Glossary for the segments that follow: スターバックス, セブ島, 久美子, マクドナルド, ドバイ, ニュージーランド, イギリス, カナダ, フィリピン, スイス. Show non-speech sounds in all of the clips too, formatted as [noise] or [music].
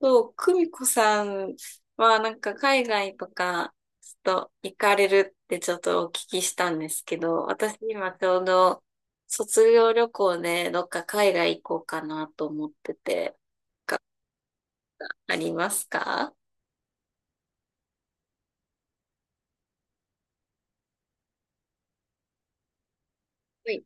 そう、久美子さんはなんか海外とかちょっと行かれるってちょっとお聞きしたんですけど、私今ちょうど卒業旅行でどっか海外行こうかなと思ってて、ありますか？はい。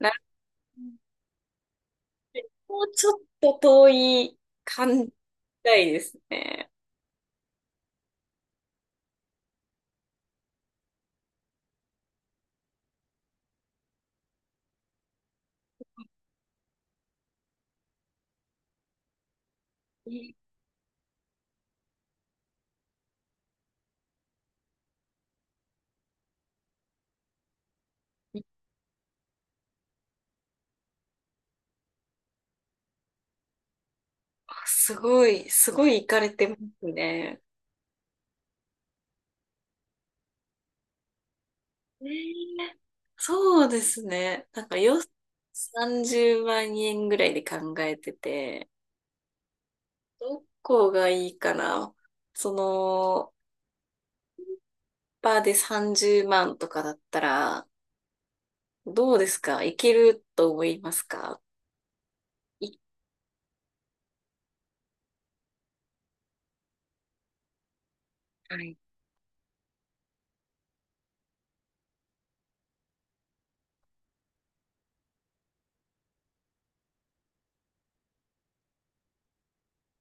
なもうちょっと遠い感じたいですね。いすごい、すごい行かれてますね。ねえ、そうですね。なんかよ、30万円ぐらいで考えてて、どこがいいかな。その、バーで30万とかだったら、どうですか？いけると思いますか？い、はい。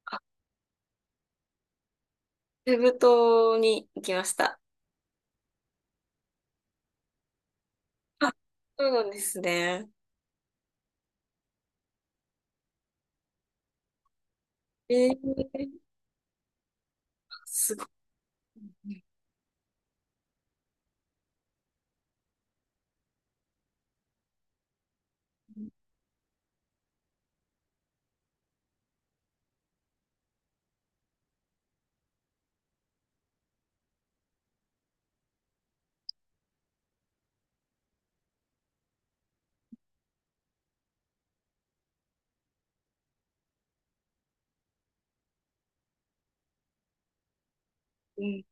あ、セブ島に行きました。あ、そうなんですね。えー、すごい。うん、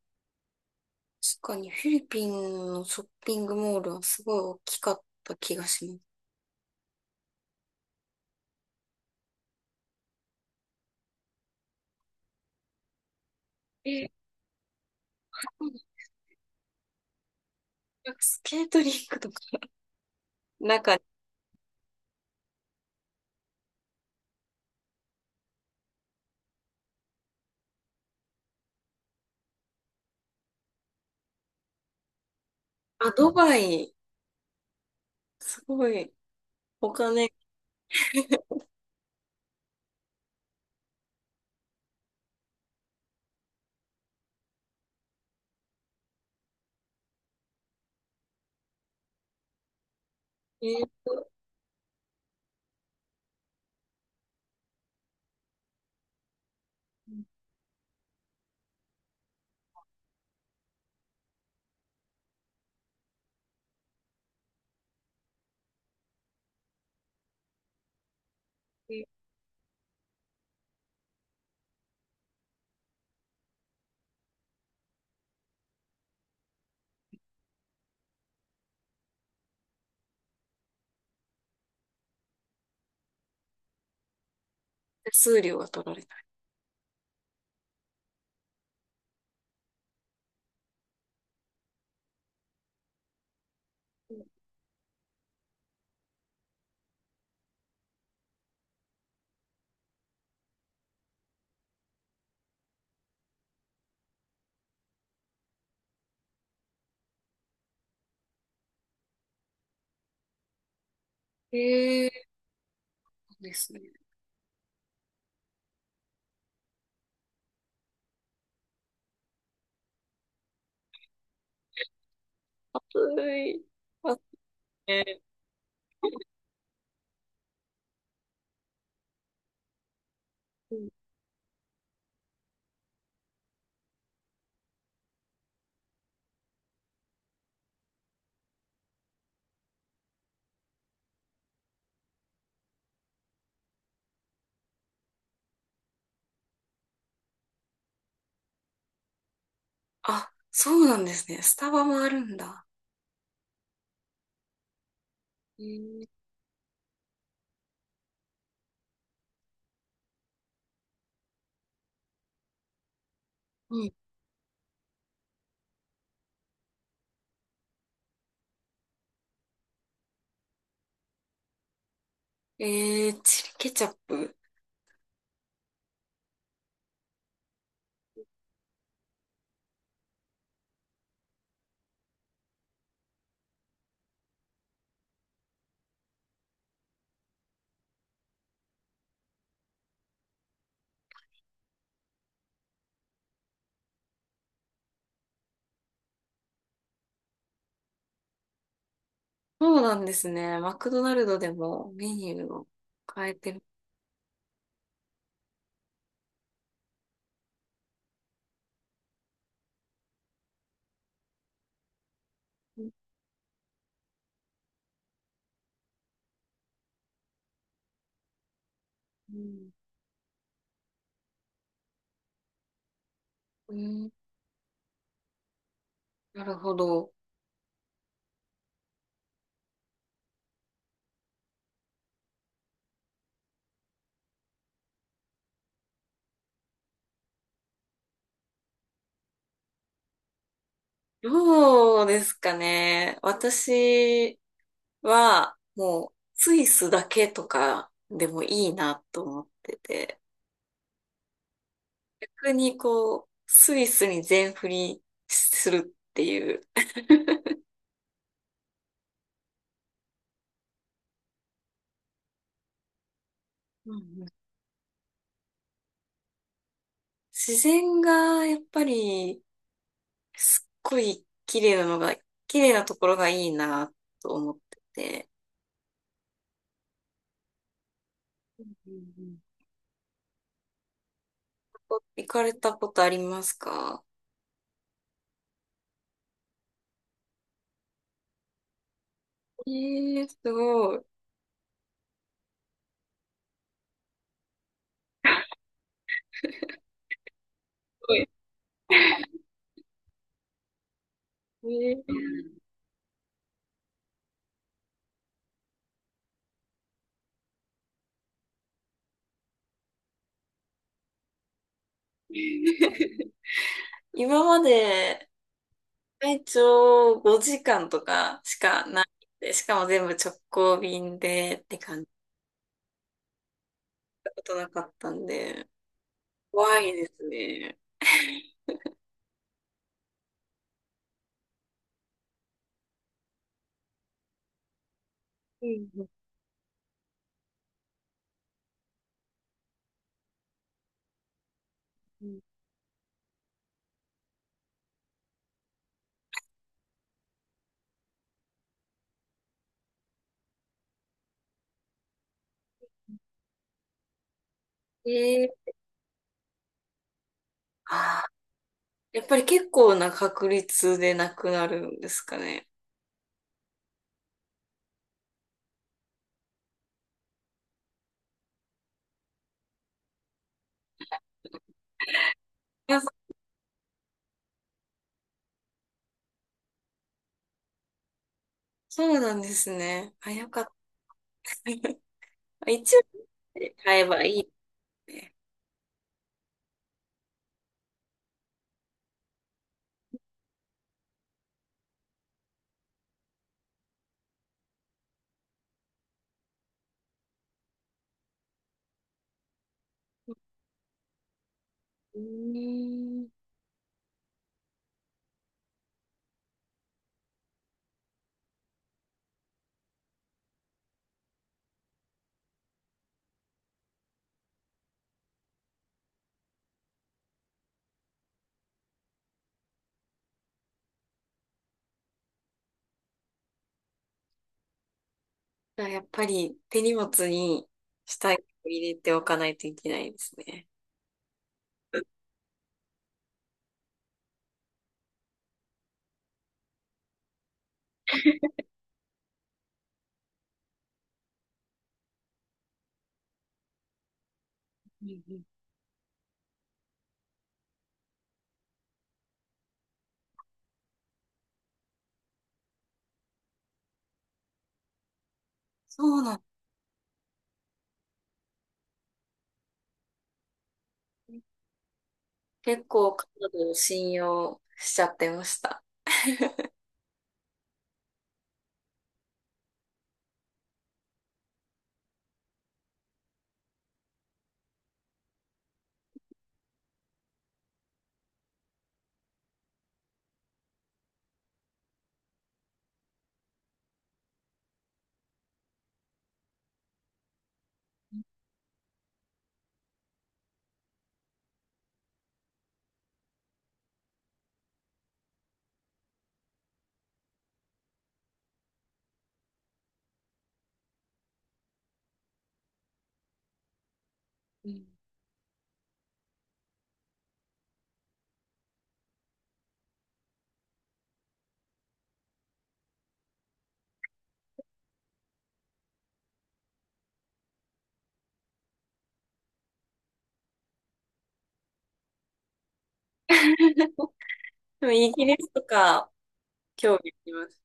確かにフィリピンのショッピングモールはすごい大きかった気がします。えースケートリンクとか。なんか、あ、ドバイ、すごい、お金、ーと、え手数料が取られない。ええー、ですね。暑い。あ、えーあ、そうなんですね。スタバもあるんだ。えー、うん。チリケチャップ。そうなんですね。マクドナルドでもメニューを変えてる。うん、うん、なるほど。どうですかね。私は、もう、スイスだけとかでもいいなと思ってて、逆にこう、スイスに全振りするっていう、うん、うん、自然がやっぱり、すっごい綺麗なのが、綺麗なところがいいなと思ってて、うん、うん、行かれたことありますか？すごい。すごいえー [laughs] 今まで最長5時間とかしかないんで、しかも全部直行便でって感じたことなかったんで、怖いですね。うん、うん、うん。えー、あー、やっぱり結構な確率でなくなるんですかね。あ、そうなんですね。あ、よかった。[laughs] 一応、ね、買えばいいね。うーん。じゃあ、やっぱり手荷物に下着を入れておかないといけないですね。うん、うん、そうなんだ。結構カナダを信用しちゃってました。うん。 [laughs] でもイギリスとか興味あります。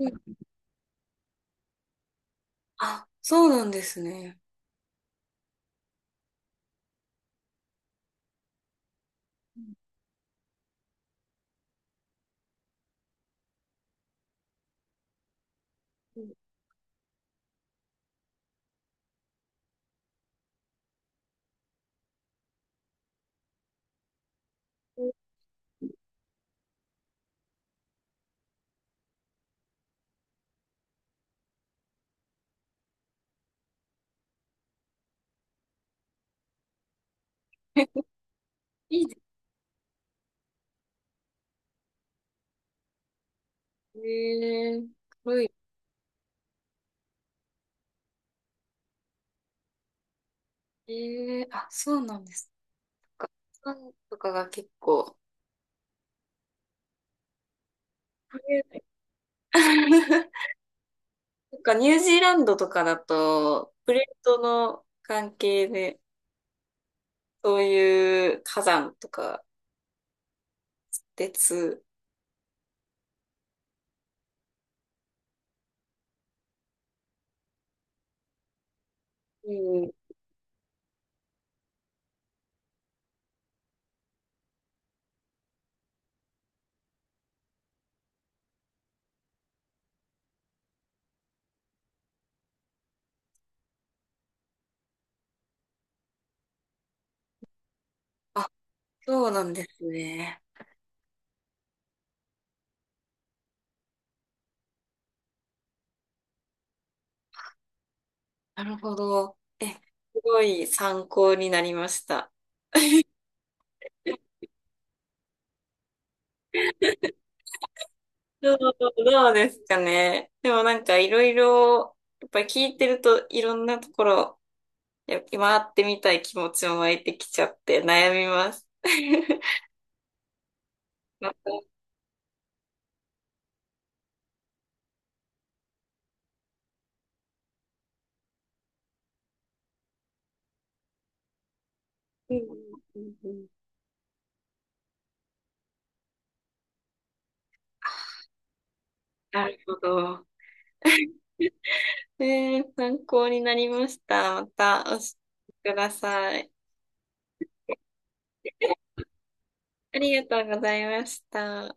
うん、あ、そうなんですね。うん、いいですね。軽い。あ、そうなんですか。フンとかが結構、プレート。 [laughs] なんかニュージーランドとかだと、プレートの関係で、そういう火山とか、鉄。うん。あ、そうなんですね。なるほど。え、すごい参考になりました。どう、どうですかね。でもなんかいろいろ、やっぱり聞いてるといろんなところ、やっぱ回ってみたい気持ちも湧いてきちゃって悩みます。[laughs] また、うん、うん、うん、うん、なるほど。え参考になりました。また教えてください。[laughs] ありがとうございました。